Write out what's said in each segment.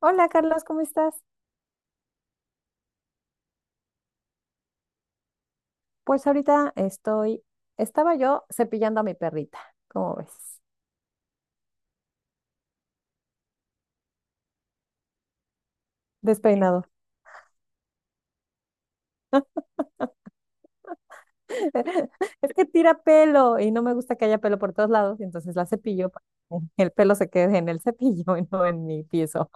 Hola Carlos, ¿cómo estás? Pues ahorita estoy, estaba yo cepillando a mi perrita, ¿cómo ves? Despeinado. Es que tira pelo y no me gusta que haya pelo por todos lados, y entonces la cepillo para que el pelo se quede en el cepillo y no en mi piso.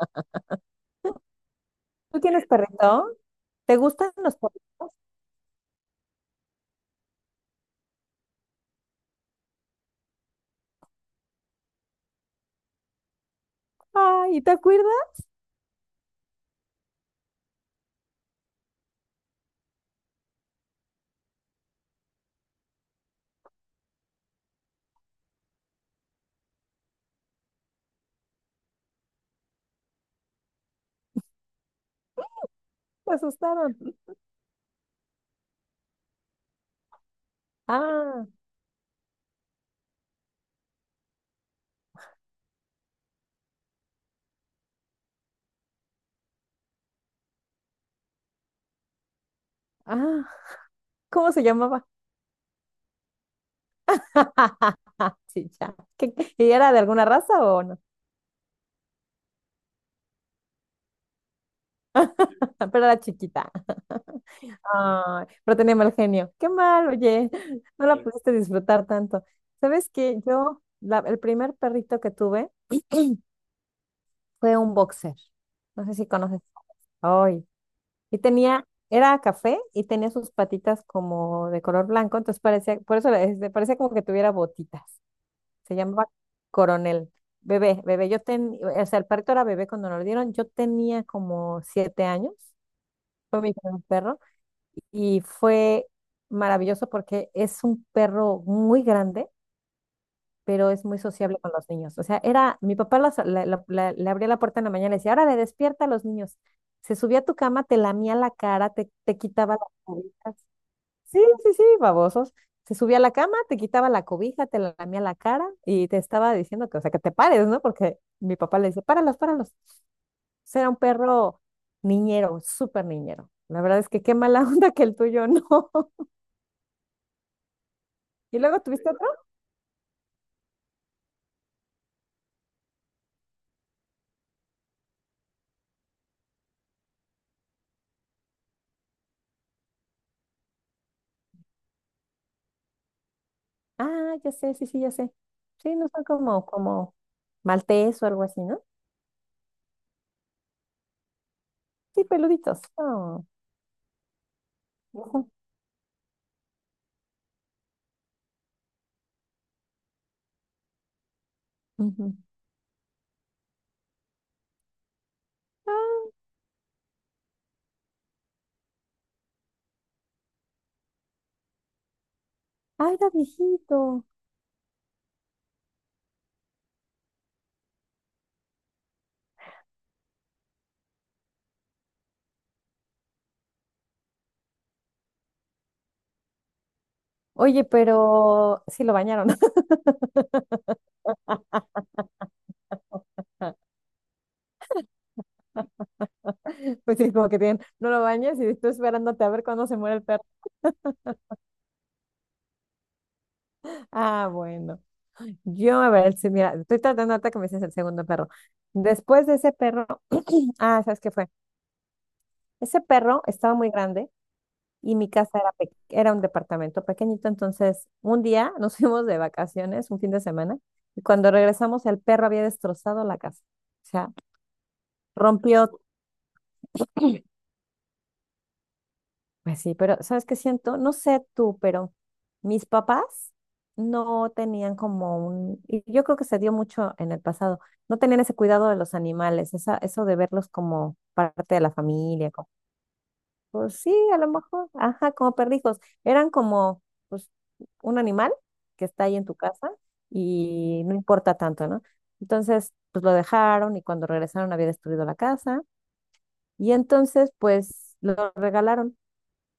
¿Tú tienes perrito? ¿Te gustan los perritos? Ay, ¿te acuerdas? Me asustaron. Ah, ah, ¿cómo se llamaba? Sí, ya. ¿Y era de alguna raza o no? Pero era chiquita. Ay, pero tenía mal genio. Qué mal, oye, no la, sí, pudiste disfrutar tanto. ¿Sabes qué? El primer perrito que tuve fue un boxer. No sé si conoces. Ay, y tenía, era café y tenía sus patitas como de color blanco, entonces parecía, por eso este, parecía como que tuviera botitas. Se llamaba Coronel. Bebé, bebé, o sea, el perrito era bebé cuando nos lo dieron, yo tenía como 7 años, fue mi primer perro, y fue maravilloso porque es un perro muy grande, pero es muy sociable con los niños. O sea, era, mi papá le abría la puerta en la mañana y le decía, ahora le despierta a los niños. Se subía a tu cama, te lamía la cara, te quitaba las cobijas. Sí, sí, sí, babosos. Se subía a la cama, te quitaba la cobija, te lamía la cara y te estaba diciendo que, o sea, que te pares, ¿no? Porque mi papá le dice páralos, páralos. O sea, era un perro niñero, súper niñero. La verdad es que qué mala onda que el tuyo no. ¿Y luego tuviste otro? Ah, ya sé, sí, sí, ya sé. Sí, no son como maltés o algo así, ¿no? Sí, peluditos. Oh, ujú, ujú. Ah, era viejito. Oye, pero sí lo bañaron. Pues sí, como que tienen, no lo bañas y estoy esperándote a ver cuándo se muere el perro. Ah, bueno. Yo, a ver, sí, mira, estoy tratando ahorita que me dices el segundo perro. Después de ese perro, ah, ¿sabes qué fue? Ese perro estaba muy grande y mi casa era, era un departamento pequeñito, entonces un día nos fuimos de vacaciones, un fin de semana, y cuando regresamos el perro había destrozado la casa, o sea, rompió, pues sí, pero ¿sabes qué siento? No sé tú, pero mis papás no tenían como un, y yo creo que se dio mucho en el pasado, no tenían ese cuidado de los animales, esa, eso de verlos como parte de la familia. Pues sí, a lo mejor. Ajá, como perrijos. Eran como, pues, un animal que está ahí en tu casa y no importa tanto, ¿no? Entonces, pues lo dejaron y cuando regresaron había destruido la casa y entonces, pues lo regalaron.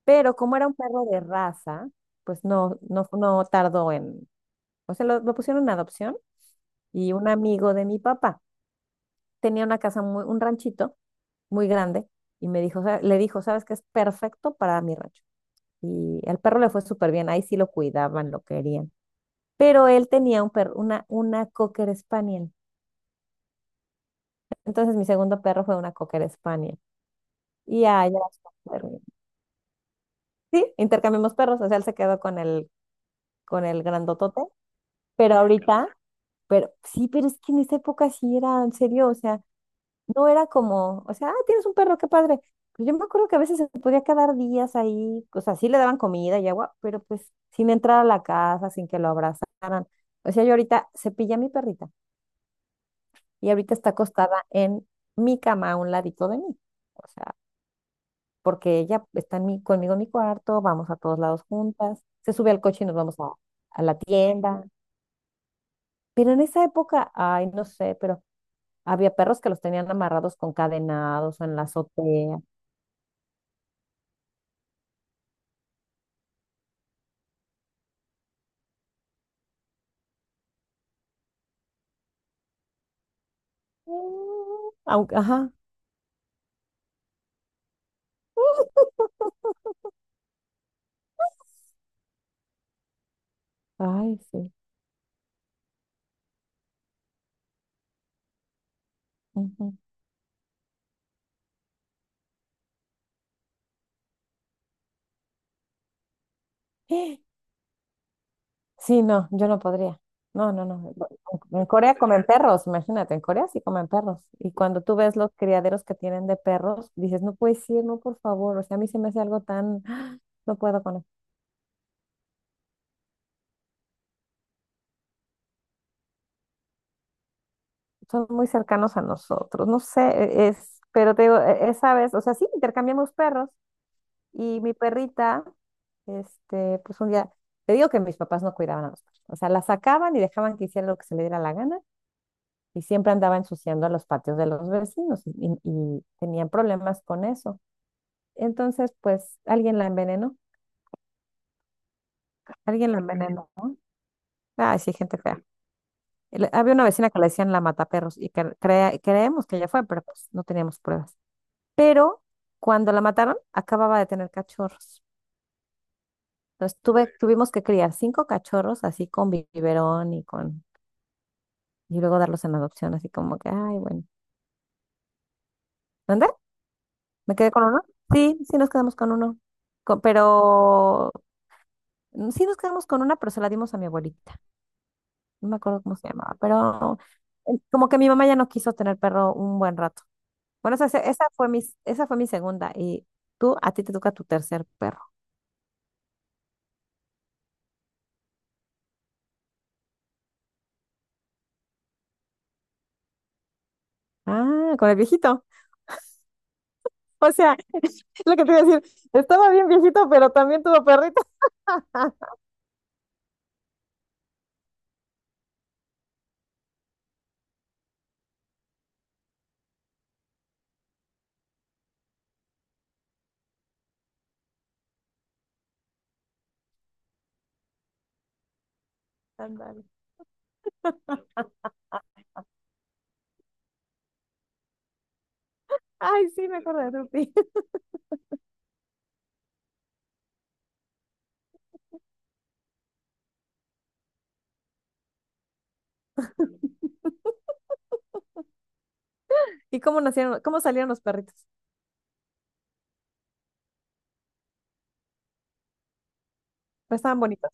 Pero como era un perro de raza, pues no tardó en, o sea, lo pusieron en adopción y un amigo de mi papá tenía una casa, muy, un ranchito muy grande y me dijo, le dijo, ¿sabes qué es perfecto para mi rancho? Y al perro le fue súper bien, ahí sí lo cuidaban, lo querían. Pero él tenía un perro, una Cocker Spaniel. Entonces mi segundo perro fue una Cocker Spaniel. Y ya, ya, sí, intercambiamos perros, o sea, él se quedó con el grandotote, pero ahorita, pero sí, pero es que en esa época sí era, en serio, o sea, no era como, o sea, ah, tienes un perro, qué padre. Pero yo me acuerdo que a veces se podía quedar días ahí, o sea, sí le daban comida y agua, pero pues sin entrar a la casa, sin que lo abrazaran. O sea, yo ahorita cepillé a mi perrita y ahorita está acostada en mi cama a un ladito de mí. O sea, porque ella está conmigo en mi cuarto, vamos a todos lados juntas, se sube al coche y nos vamos a la tienda. Pero en esa época, ay, no sé, pero había perros que los tenían amarrados con cadenados o en la azotea. Mm, aunque, ajá, ay, sí. Ujú. Sí, no, yo no podría. No, no, no. En Corea comen perros, imagínate, en Corea sí comen perros. Y cuando tú ves los criaderos que tienen de perros, dices, no puedes ir, no, por favor. O sea, a mí se me hace algo tan, no puedo con eso. Son muy cercanos a nosotros, no sé, es, pero te digo, esa vez, o sea, sí, intercambiamos perros y mi perrita, este, pues un día, te digo que mis papás no cuidaban a los perros. O sea, la sacaban y dejaban que hiciera lo que se le diera la gana. Y siempre andaba ensuciando los patios de los vecinos tenían problemas con eso. Entonces, pues alguien la envenenó, alguien la envenenó, ¿no? Ay, sí, gente fea. Había una vecina que le decían la mataperros y creemos que ella fue, pero pues no teníamos pruebas. Pero cuando la mataron, acababa de tener cachorros. Entonces tuve, tuvimos que criar cinco cachorros así con biberón y luego darlos en adopción, así como que, ay, bueno. ¿Dónde? ¿Me quedé con uno? Sí, sí nos quedamos con uno. Pero, mm, sí, nos quedamos con una, pero se la dimos a mi abuelita. No me acuerdo cómo se llamaba, pero como que mi mamá ya no quiso tener perro un buen rato. Bueno, esa, esa fue mi segunda. Y tú, a ti te toca tu tercer perro. Ah, con el viejito. O sea, lo que te iba a decir, estaba bien viejito, pero también tuvo perrito. Ándale. Ay, sí, me acuerdo de Rupi. ¿Y cómo nacieron, cómo salieron los perritos? Pues estaban bonitos.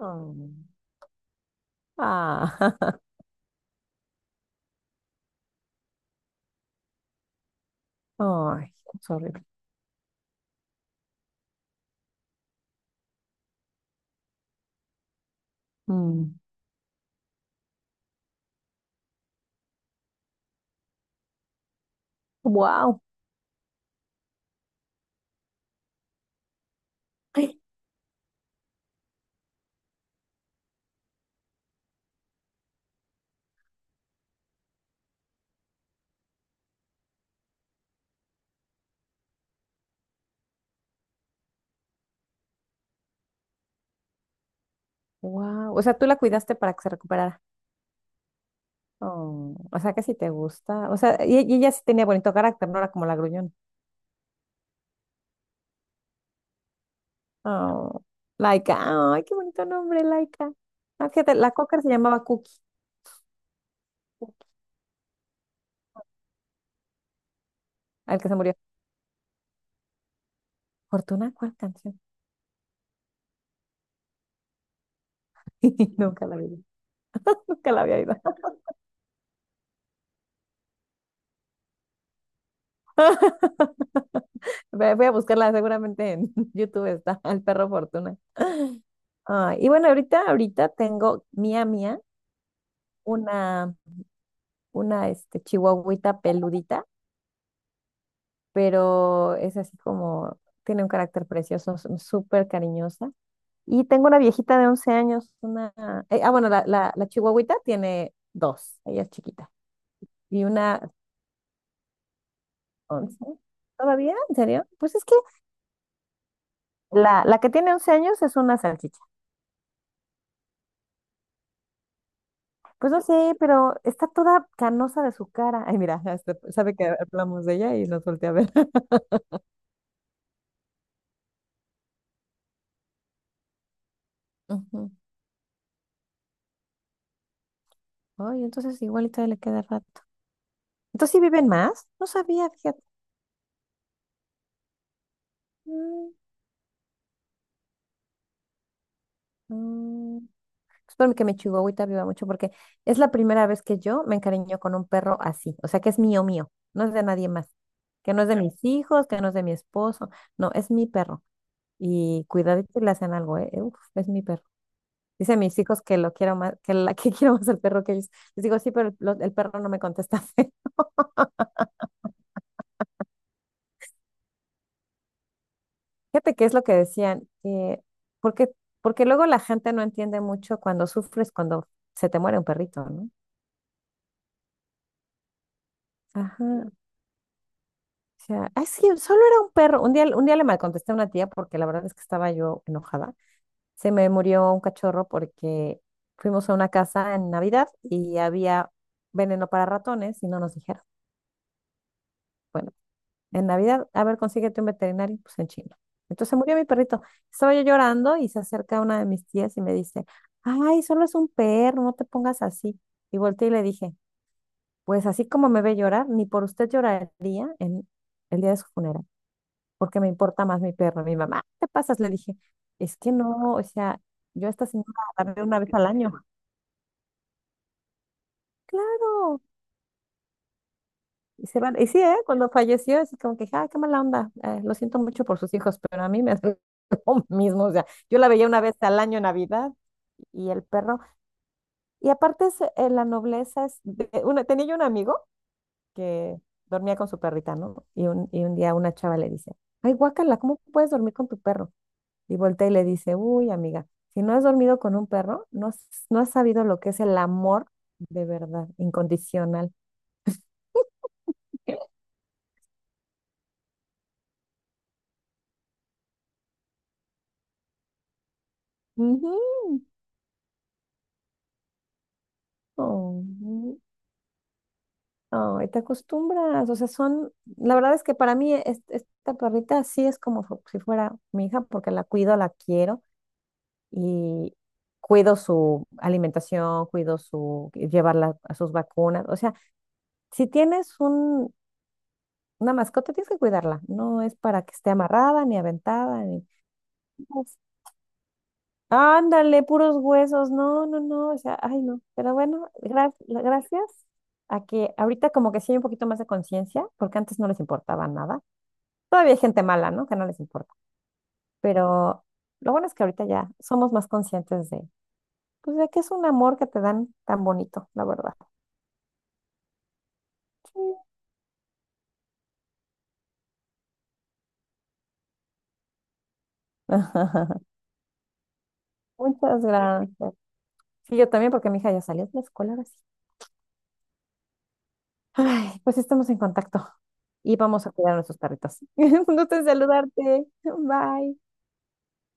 Oh. Ah, ay, es horrible. Wow. Wow. O sea, tú la cuidaste para que se recuperara. Oh, o sea, que sí te gusta. O sea, y ella sí tenía bonito carácter, no era como la gruñona. Oh, Laika. Ay, qué bonito nombre, Laika. Ah, fíjate, la cocker se llamaba Cookie. Cookie, al que se murió. Fortuna, ¿cuál canción? Nunca la vi. Nunca la había oído. Voy a buscarla, seguramente en YouTube está el perro Fortuna. Ah, y bueno, ahorita, ahorita tengo mía, mía, una, una este, chihuahuita peludita, pero es así como, tiene un carácter precioso, súper cariñosa. Y tengo una viejita de 11 años, una, bueno, la chihuahuita tiene dos, ella es chiquita, y una 11, ¿todavía? ¿En serio? Pues es que la que tiene 11 años es una salchicha. Pues no sé, pero está toda canosa de su cara. Ay, mira, hasta sabe que hablamos de ella y nos voltea a ver. Ujú. Ay, entonces igual y todavía le queda rato. Entonces sí viven más. No sabía, fíjate. Mm, mm. Espero que mi chihuahuita viva mucho porque es la primera vez que yo me encariño con un perro así, o sea que es mío, mío, no es de nadie más, que no es de mis hijos, que no es de mi esposo, no, es mi perro. Y cuidadito y le hacen algo, ¿eh? Uf, es mi perro. Dicen mis hijos que lo quiero más, que la que quiero más el perro que ellos. Les digo, sí, pero el perro no me contesta. Fíjate que es lo que decían, porque, porque luego la gente no entiende mucho cuando sufres, cuando se te muere un perrito, ¿no? Ajá. O sea, "Ay, sí, solo era un perro". Un día le malcontesté a una tía porque la verdad es que estaba yo enojada. Se me murió un cachorro porque fuimos a una casa en Navidad y había veneno para ratones y no nos dijeron. Bueno, en Navidad, a ver, consíguete un veterinario, pues en China. Entonces se murió mi perrito. Estaba yo llorando y se acerca una de mis tías y me dice, ay, solo es un perro, no te pongas así. Y volteé y le dije, pues así como me ve llorar, ni por usted lloraría en el día de su funeral, porque me importa más mi perro. Mi mamá, ¿qué te pasas? Le dije, es que no, o sea, yo a esta señora la veo una vez al año. Claro. Y se van. Y sí, ¿eh? Cuando falleció, así como que, ah, qué mala onda. Lo siento mucho por sus hijos, pero a mí me hace lo mismo. O sea, yo la veía una vez al año en Navidad y el perro. Y aparte, es, la nobleza es. Una, tenía yo un amigo que dormía con su perrita, ¿no? Y un día una chava le dice, ay, guácala, ¿cómo puedes dormir con tu perro? Y voltea y le dice, uy, amiga, si no has dormido con un perro, no, no has sabido lo que es el amor de verdad, incondicional. Ujú. Oh, ujú. Ay, te acostumbras, o sea, son, la verdad es que para mí esta perrita sí es como si fuera mi hija porque la cuido, la quiero y cuido su alimentación, cuido su, llevarla a sus vacunas, o sea, si tienes un, una mascota tienes que cuidarla, no es para que esté amarrada ni aventada, ni pues, ándale, puros huesos. No, no, no. O sea, ay, no. Pero bueno, gracias a que ahorita como que sí hay un poquito más de conciencia, porque antes no les importaba nada. Todavía hay gente mala, ¿no? Que no les importa. Pero lo bueno es que ahorita ya somos más conscientes de, pues, de que es un amor que te dan tan bonito, la verdad. Sí. Muchas gracias. Sí, yo también, porque mi hija ya salió de la escuela ahora sí. Ay, pues estamos en contacto y vamos a cuidar a nuestros perritos. Un gusto en saludarte. Bye.